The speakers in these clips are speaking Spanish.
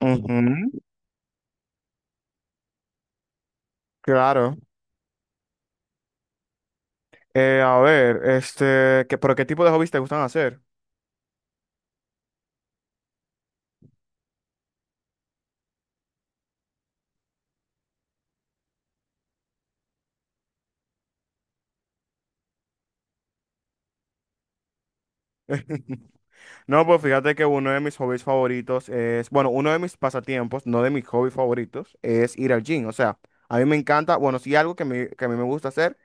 Ujú. Claro. A ver, ¿pero qué tipo de hobbies te gustan hacer? No, pues fíjate que uno de mis hobbies favoritos es, bueno, uno de mis pasatiempos, no de mis hobbies favoritos, es ir al gym. O sea, a mí me encanta, bueno, sí algo que, que a mí me gusta hacer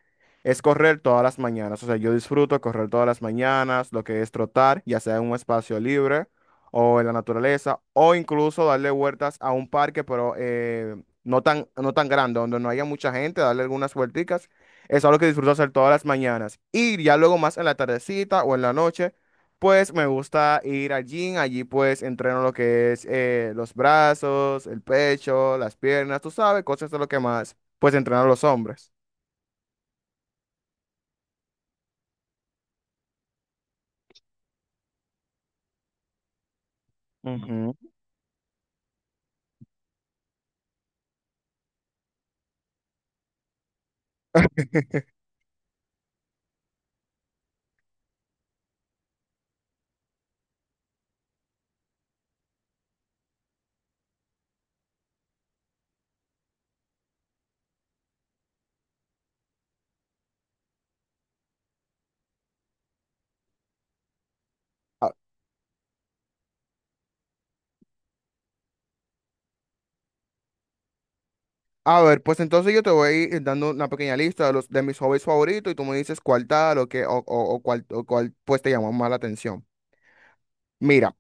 es correr todas las mañanas. O sea, yo disfruto correr todas las mañanas, lo que es trotar, ya sea en un espacio libre o en la naturaleza, o incluso darle vueltas a un parque, pero no tan grande, donde no haya mucha gente, darle algunas vuelticas. Es algo que disfruto hacer todas las mañanas. Y ya luego más en la tardecita o en la noche. Pues me gusta ir al gym, allí pues entreno lo que es los brazos, el pecho, las piernas, tú sabes, cosas de lo que más pues entrenan los hombres. Ujú. A ver, pues entonces yo te voy a ir dando una pequeña lista de los de mis hobbies favoritos y tú me dices cuál tal o qué o cuál pues te llamó más la atención. Mira.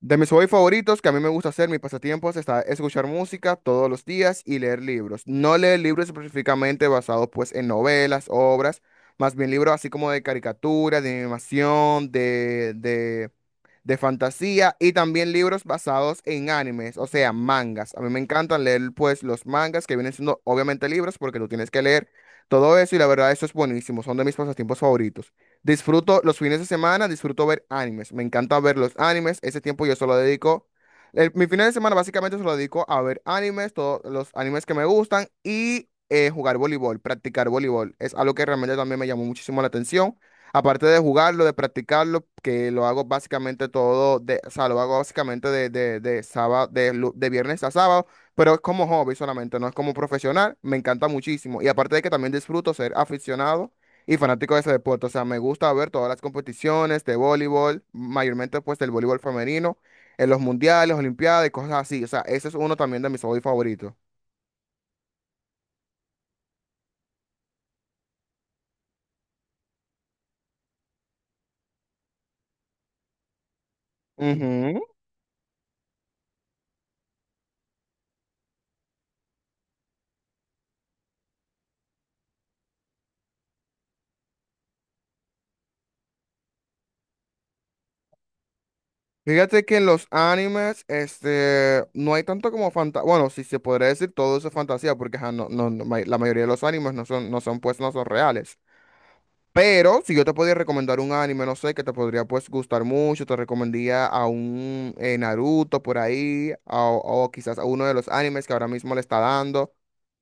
De mis hobbies favoritos que a mí me gusta hacer, mis pasatiempos, está escuchar música todos los días y leer libros. No leer libros específicamente basados pues en novelas, obras, más bien libros así como de caricatura, de animación, de fantasía y también libros basados en animes, o sea, mangas. A mí me encantan leer pues los mangas que vienen siendo obviamente libros porque tú tienes que leer todo eso y la verdad eso es buenísimo, son de mis pasatiempos favoritos. Disfruto los fines de semana, disfruto ver animes, me encanta ver los animes, ese tiempo yo solo dedico, mi fin de semana básicamente se lo dedico a ver animes, todos los animes que me gustan y... jugar voleibol, practicar voleibol, es algo que realmente también me llamó muchísimo la atención. Aparte de jugarlo, de practicarlo, que lo hago básicamente todo, de, o sea, lo hago básicamente de sábado, de viernes a sábado, pero es como hobby solamente, no es como profesional, me encanta muchísimo. Y aparte de que también disfruto ser aficionado y fanático de ese deporte, o sea, me gusta ver todas las competiciones de voleibol, mayormente pues del voleibol femenino, en los mundiales, olimpiadas y cosas así, o sea, ese es uno también de mis hobbies favoritos. Ujú. Fíjate que en los animes, no hay tanto como fantasía. Bueno, si se podría decir todo eso es fantasía, porque ajá, no, la mayoría de los animes no son reales. Pero si yo te podía recomendar un anime, no sé, que te podría pues gustar mucho, te recomendaría a un Naruto por ahí, o quizás a uno de los animes que ahora mismo le está dando,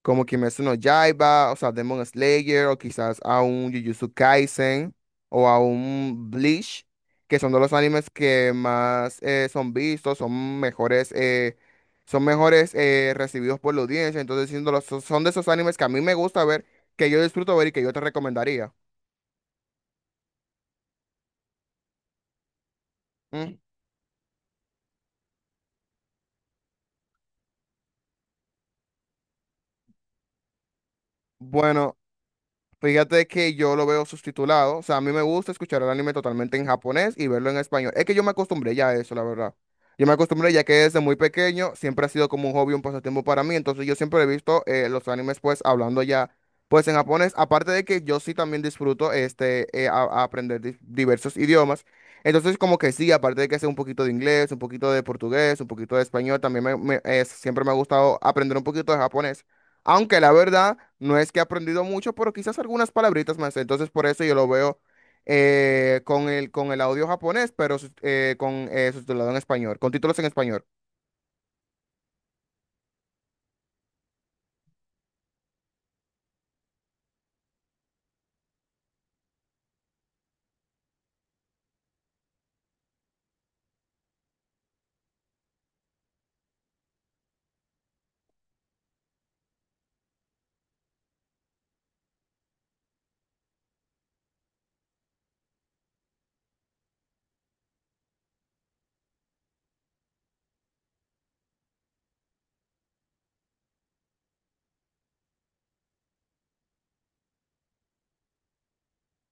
como Kimetsu no Yaiba, o sea, Demon Slayer, o quizás a un Jujutsu Kaisen, o a un Bleach, que son de los animes que más son vistos, son mejores recibidos por la audiencia, entonces siendo son de esos animes que a mí me gusta ver, que yo disfruto ver y que yo te recomendaría. ¿Mm? Bueno, fíjate que yo lo veo subtitulado. O sea, a mí me gusta escuchar el anime totalmente en japonés y verlo en español. Es que yo me acostumbré ya a eso, la verdad. Yo me acostumbré ya que desde muy pequeño siempre ha sido como un hobby, un pasatiempo para mí. Entonces yo siempre he visto los animes pues hablando ya pues en japonés. Aparte de que yo sí también disfruto este a aprender diversos idiomas. Entonces como que sí, aparte de que sé un poquito de inglés, un poquito de portugués, un poquito de español, también siempre me ha gustado aprender un poquito de japonés. Aunque la verdad no es que he aprendido mucho, pero quizás algunas palabritas más. Entonces por eso yo lo veo con el audio japonés, pero con subtitulado en español, con títulos en español.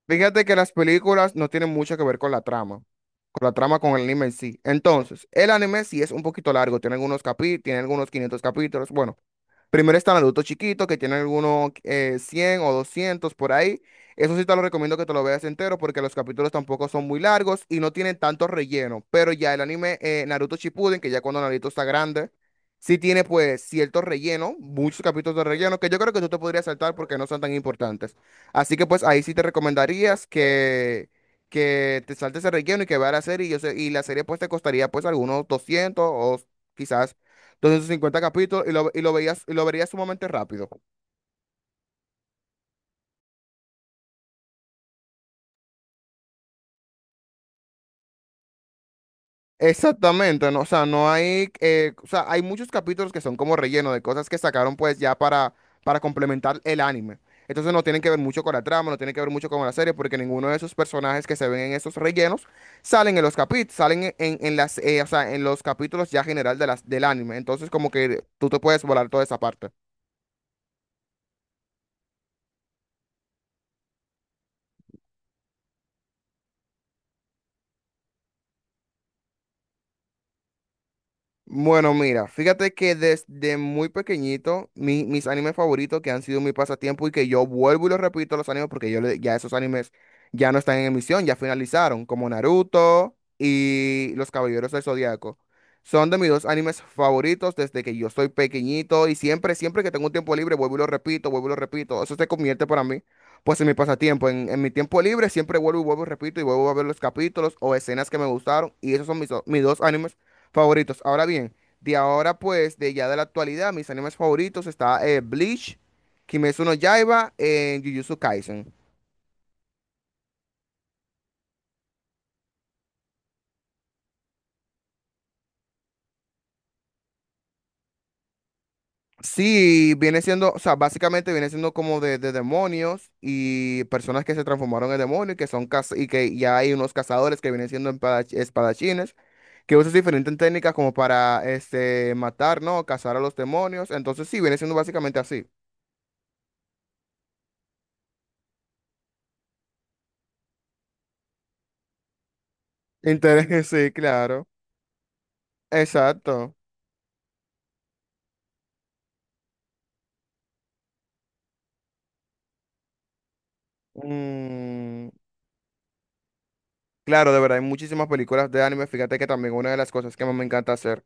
Fíjate que las películas no tienen mucho que ver con la trama, con la trama con el anime en sí. Entonces, el anime sí es un poquito largo, tiene algunos 500 capítulos. Bueno. Primero están los adultos chiquitos que tienen algunos 100 o 200 por ahí. Eso sí te lo recomiendo que te lo veas entero porque los capítulos tampoco son muy largos y no tienen tanto relleno. Pero ya el anime Naruto Shippuden, que ya cuando Naruto está grande, sí tiene pues cierto relleno, muchos capítulos de relleno que yo creo que tú te podrías saltar porque no son tan importantes. Así que pues ahí sí te recomendarías que te saltes el relleno y que veas la serie. Y la serie pues te costaría pues algunos 200 o quizás 250 capítulos y lo veías, y lo verías sumamente rápido. Exactamente, ¿no? O sea, no hay, o sea, hay muchos capítulos que son como relleno de cosas que sacaron pues ya para complementar el anime. Entonces no tienen que ver mucho con la trama, no tienen que ver mucho con la serie, porque ninguno de esos personajes que se ven en esos rellenos salen en los capítulos, en las, o sea, en los capítulos ya general de las, del anime. Entonces como que tú te puedes volar toda esa parte. Bueno, mira, fíjate que desde muy pequeñito, mis animes favoritos que han sido mi pasatiempo y que yo vuelvo y los repito los animes porque ya esos animes ya no están en emisión, ya finalizaron, como Naruto y Los Caballeros del Zodiaco. Son de mis dos animes favoritos desde que yo soy pequeñito y siempre, siempre que tengo un tiempo libre, vuelvo y lo repito, vuelvo y lo repito. Eso se convierte para mí, pues en mi pasatiempo. En mi tiempo libre siempre vuelvo y vuelvo y repito y vuelvo a ver los capítulos o escenas que me gustaron y esos son mis, mis dos animes favoritos. Ahora bien, de ahora pues, de ya de la actualidad, mis animes favoritos está Bleach, Kimetsu no Yaiba, Jujutsu Kaisen. Sí, viene siendo, o sea, básicamente viene siendo como de demonios y personas que se transformaron en demonios y que son y que ya hay unos cazadores que vienen siendo espadachines que usan diferentes técnicas como para este matar, ¿no? Cazar a los demonios. Entonces sí, viene siendo básicamente así. Interés, sí, claro. Exacto. Mm. Claro, de verdad, hay muchísimas películas de anime. Fíjate que también una de las cosas que más me encanta hacer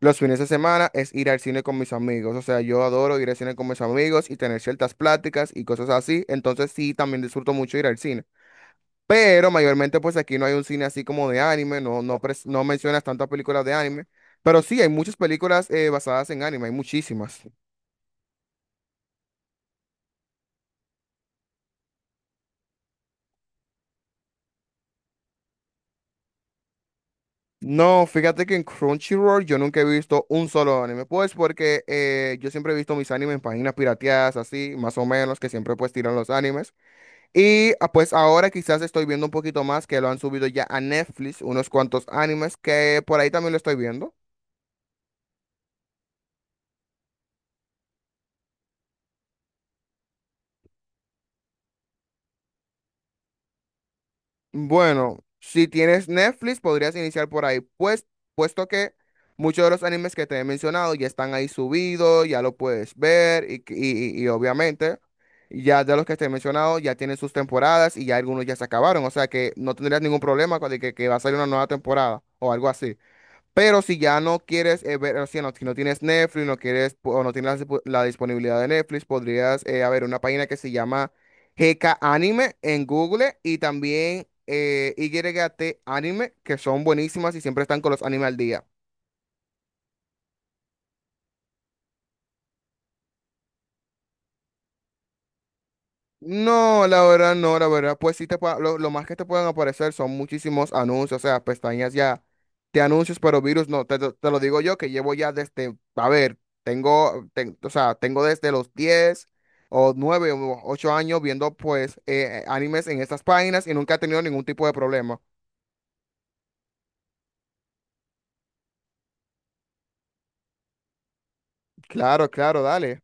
los fines de semana es ir al cine con mis amigos. O sea, yo adoro ir al cine con mis amigos y tener ciertas pláticas y cosas así. Entonces sí, también disfruto mucho ir al cine. Pero mayormente pues aquí no hay un cine así como de anime, no mencionas tantas películas de anime. Pero sí, hay muchas películas basadas en anime, hay muchísimas. No, fíjate que en Crunchyroll yo nunca he visto un solo anime, pues porque yo siempre he visto mis animes en páginas pirateadas, así, más o menos, que siempre pues tiran los animes. Y ah, pues ahora quizás estoy viendo un poquito más que lo han subido ya a Netflix, unos cuantos animes que por ahí también lo estoy viendo. Bueno, si tienes Netflix, podrías iniciar por ahí, pues, puesto que muchos de los animes que te he mencionado ya están ahí subidos, ya lo puedes ver y obviamente ya de los que te he mencionado ya tienen sus temporadas y ya algunos ya se acabaron, o sea que no tendrías ningún problema con de que va a salir una nueva temporada o algo así. Pero si ya no quieres ver, o sea, no- si no tienes Netflix, o no tienes la, la disponibilidad de Netflix, podrías haber una página que se llama GK Anime en Google y también YT Anime, que son buenísimas y siempre están con los animes al día. No, la verdad, no, la verdad, pues sí lo más que te pueden aparecer son muchísimos anuncios, o sea, pestañas ya de anuncios, pero virus no, te lo digo yo que llevo ya desde, a ver, o sea, tengo desde los 10 o 9 o 8 años viendo pues animes en estas páginas y nunca he tenido ningún tipo de problema. Claro, claro, dale.